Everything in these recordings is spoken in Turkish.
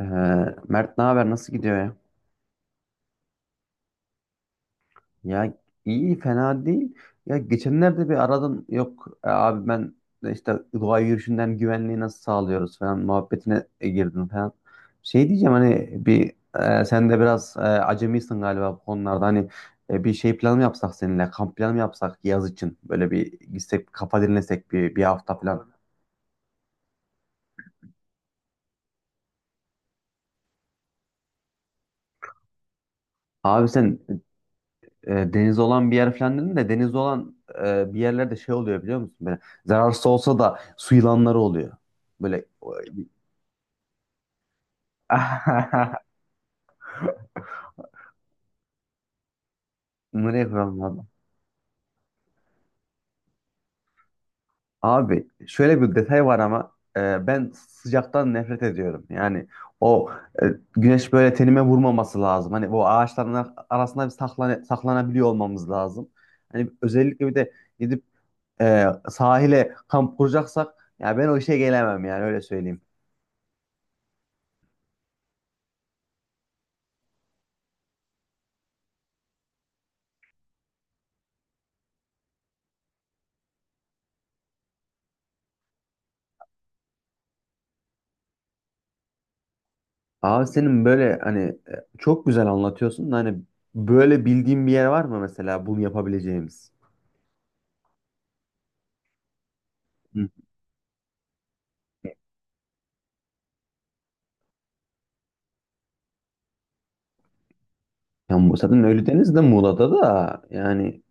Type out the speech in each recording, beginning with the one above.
Ee, Mert ne haber? Nasıl gidiyor ya? Ya iyi fena değil. Ya geçenlerde bir aradım. Yok abi ben de işte doğa yürüyüşünden güvenliği nasıl sağlıyoruz falan muhabbetine girdim falan. Şey diyeceğim hani bir sen de biraz acemisin galiba bu konularda. Hani bir şey planı mı yapsak seninle kamp planı mı yapsak yaz için böyle bir gitsek kafa dinlesek bir hafta falan. Abi sen deniz olan bir yer falan dedim de deniz olan bir yerlerde şey oluyor biliyor musun? Böyle zararsız olsa da su yılanları oluyor. Böyle bunları yapıyorum abi. Abi şöyle bir detay var ama ben sıcaktan nefret ediyorum. Yani o e, güneş böyle tenime vurmaması lazım. Hani bu ağaçların arasında bir saklanabiliyor olmamız lazım. Hani özellikle bir de gidip sahile kamp kuracaksak ya ben o işe gelemem yani öyle söyleyeyim. Abi senin böyle hani çok güzel anlatıyorsun da hani böyle bildiğin bir yer var mı mesela bunu yapabileceğimiz? Hı. Ya zaten Ölüdeniz de Muğla'da da yani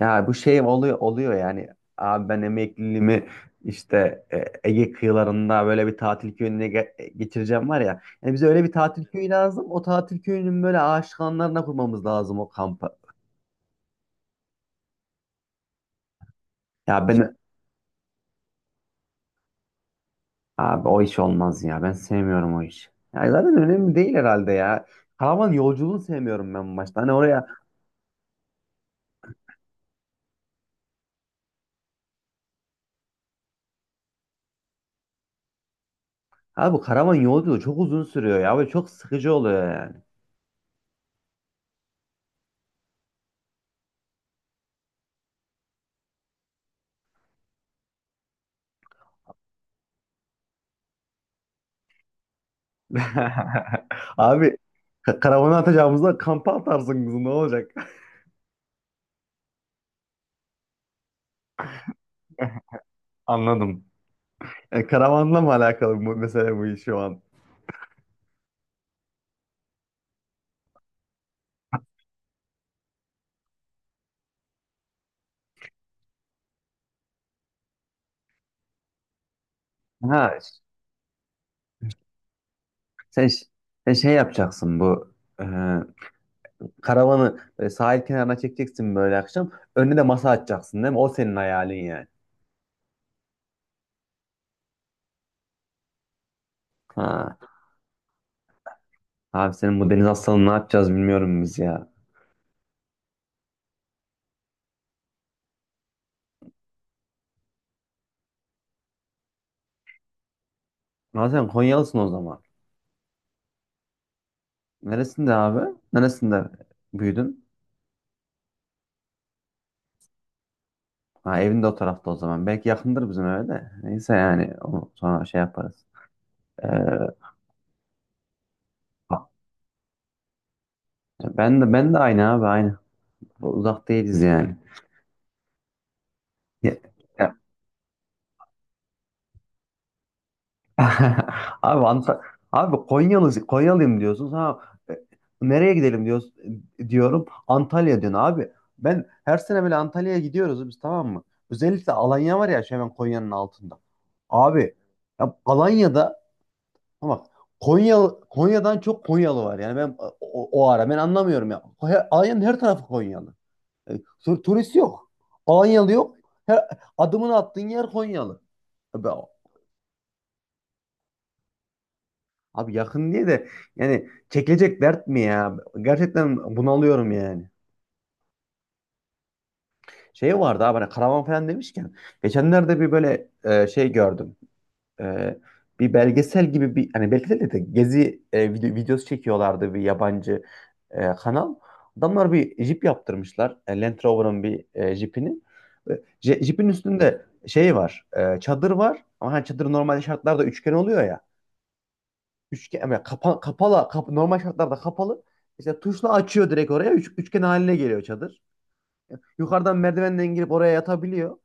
ya bu şey oluyor yani abi ben emekliliğimi işte Ege kıyılarında böyle bir tatil köyüne geçireceğim var ya. Yani bize öyle bir tatil köyü lazım. O tatil köyünün böyle aşık anlarına kurmamız lazım o kampı. Ya ben. Abi o iş olmaz ya. Ben sevmiyorum o iş. Ya zaten önemli değil herhalde ya. Karavan yolculuğunu sevmiyorum ben başta. Hani oraya abi karavan yolculuğu çok uzun sürüyor ya ve çok sıkıcı oluyor yani. Abi karavana atacağımızda kampa atarsın kızım ne olacak? Anladım. Karavanla mı alakalı bu mesela bu iş şu an? Ha sen, ş- sen şey yapacaksın bu e, karavanı böyle sahil kenarına çekeceksin böyle akşam. Önüne de masa açacaksın değil mi? O senin hayalin yani. Ha. Abi senin bu deniz hastalığını ne yapacağız bilmiyorum biz ya. Abi sen Konyalısın o zaman. Neresinde abi? Neresinde büyüdün? Ha evinde o tarafta o zaman. Belki yakındır bizim eve de. Neyse yani onu sonra şey yaparız. Ee, ben de aynı abi aynı. Uzak değiliz yani. Ya, Abi Anta- abi Konyalı Konyalıyım diyorsunuz. Ha e, nereye gidelim diyoruz diyorum. Antalya diyorsun abi. Ben her sene böyle Antalya'ya gidiyoruz biz, tamam mı? Özellikle Alanya var ya şey hemen Konya'nın altında. Abi ya Alanya'da ama Konya Konya'dan çok Konyalı var. Yani ben o ara ben anlamıyorum ya. Alanya'nın her tarafı Konyalı. E, turist yok. Alanyalı yok. Her, adımını attığın yer Konyalı. Abi yakın diye de yani çekilecek dert mi ya? Gerçekten bunalıyorum yani. Şey vardı abi hani karavan falan demişken geçenlerde bir böyle şey gördüm. E, Bir belgesel gibi bir hani belgesel de gezi videosu çekiyorlardı bir yabancı kanal. Adamlar bir jip yaptırmışlar. Land Rover'ın bir jipini. E, Jipin üstünde şey var. Çadır var. Ama hani çadır normalde şartlarda üçgen oluyor ya. Üçgen yani kapalı normal şartlarda kapalı. İşte tuşla açıyor direkt oraya. Üçgen haline geliyor çadır. Yukarıdan merdivenden girip oraya yatabiliyor.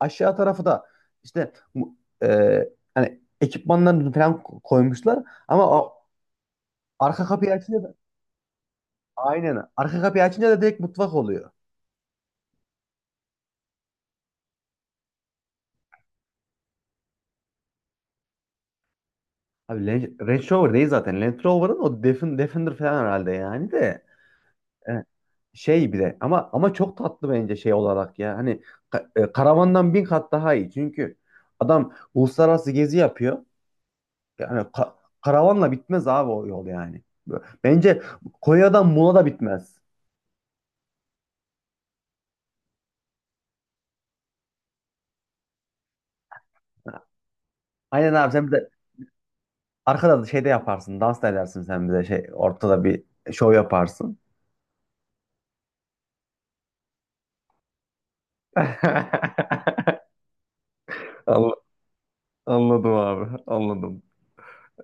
Aşağı tarafı da işte e, hani ekipmanlarını falan koymuşlar ama arka kapıyı açınca da aynen arka kapıyı açınca da direkt mutfak oluyor. Abi, Range Rover değil zaten. Land Rover'ın o Defender falan herhalde yani de. E, Şey bir de ama çok tatlı bence şey olarak ya. Hani karavandan bin kat daha iyi. Çünkü adam uluslararası gezi yapıyor. Yani karavanla bitmez abi o yol yani. Bence Konya'dan Muğla da bitmez. Aynen abi sen bir de arkada da şey de yaparsın. Dans da edersin sen bir de şey ortada bir şov yaparsın. Anla- Anladım abi. Anladım.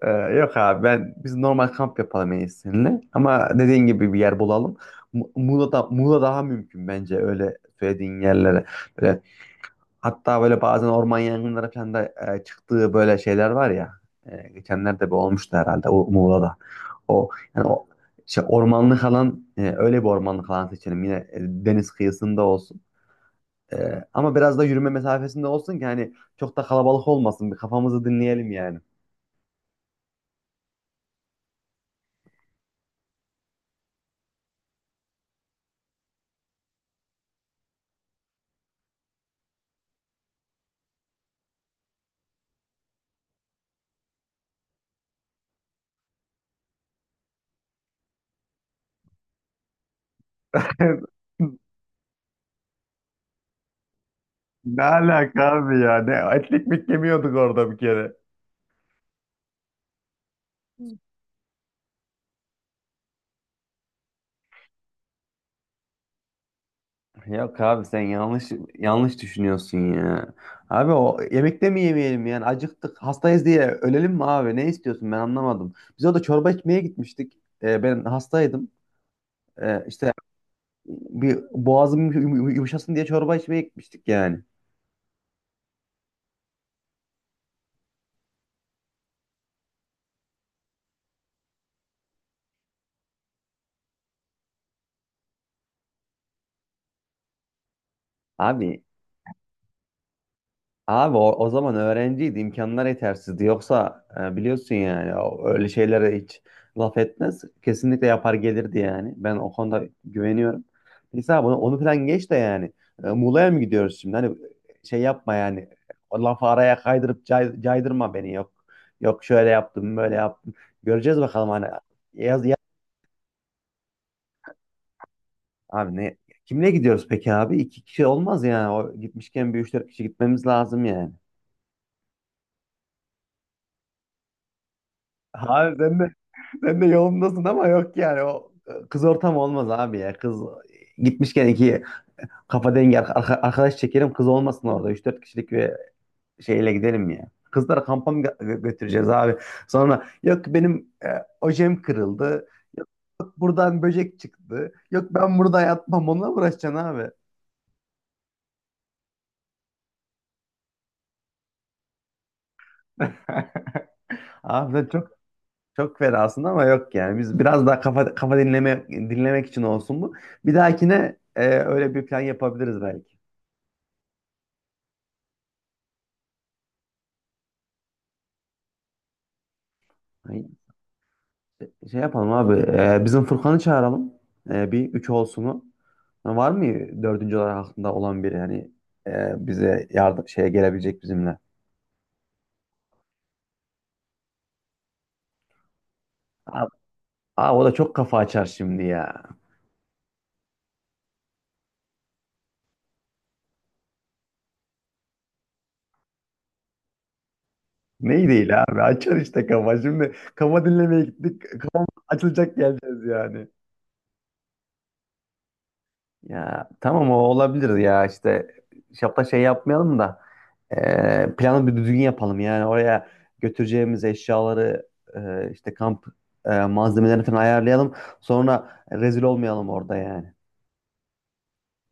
Yok abi ben biz normal kamp yapalım en iyisi seninle. Ama dediğin gibi bir yer bulalım. Muğla daha mümkün bence öyle söylediğin yerlere. Böyle, hatta böyle bazen orman yangınları falan da çıktığı böyle şeyler var ya. Geçenlerde bir olmuştu herhalde o Muğla'da. O yani o Şey ormanlık alan öyle bir ormanlık alan seçelim. Yine deniz kıyısında olsun. Ama biraz da yürüme mesafesinde olsun ki hani çok da kalabalık olmasın. Bir kafamızı dinleyelim yani. Ne alaka abi ya? Ne etlik mi yemiyorduk orada bir kere? Yok abi sen yanlış düşünüyorsun ya. Abi o yemekte mi yemeyelim yani acıktık hastayız diye ölelim mi abi ne istiyorsun ben anlamadım. Biz orada çorba içmeye gitmiştik. Ben hastaydım. İşte bir boğazım yumuşasın diye çorba içmeye gitmiştik yani. Abi Abi o zaman öğrenciydi, imkanlar yetersizdi. Yoksa biliyorsun yani öyle şeylere hiç laf etmez. Kesinlikle yapar gelirdi yani. Ben o konuda güveniyorum. Neyse abi onu falan geç de yani. Muğla'ya mı gidiyoruz şimdi? Hani şey yapma yani. O lafı araya kaydırıp caydırma beni. Yok şöyle yaptım, böyle yaptım. Göreceğiz bakalım hani. Yaz. Abi ne? Kimle gidiyoruz peki abi? İki kişi olmaz yani. O gitmişken bir üç dört kişi gitmemiz lazım yani. Abi sen de, sen de yolundasın ama yok yani o kız ortamı olmaz abi ya. Kız gitmişken iki kafa dengi arkadaş çekelim kız olmasın orada. Üç dört kişilik bir şeyle gidelim ya. Kızlara kampa mı götüreceğiz abi? Sonra yok benim ojem kırıldı. Yok buradan böcek çıktı. Yok ben burada yatmam onunla mı uğraşacaksın abi? Abi sen çok Çok fena aslında ama yok yani. Biz biraz daha kafa dinlemek için olsun bu. Bir dahakine öyle bir plan yapabiliriz belki. Ay, Şey yapalım abi. Bizim Furkan'ı çağıralım. Bir üç olsunu. Ha, var mı dördüncü olarak aklında olan biri yani bize yardım şeye gelebilecek bizimle? Abi, abi o da çok kafa açar şimdi ya. Neyi değil abi açar işte kafa. Şimdi kafa dinlemeye gittik. Kafam açılacak geleceğiz yani. Ya tamam o olabilir ya işte şapta şey yapmayalım da planı bir düzgün yapalım yani oraya götüreceğimiz eşyaları işte kamp malzemelerini falan ayarlayalım sonra rezil olmayalım orada yani.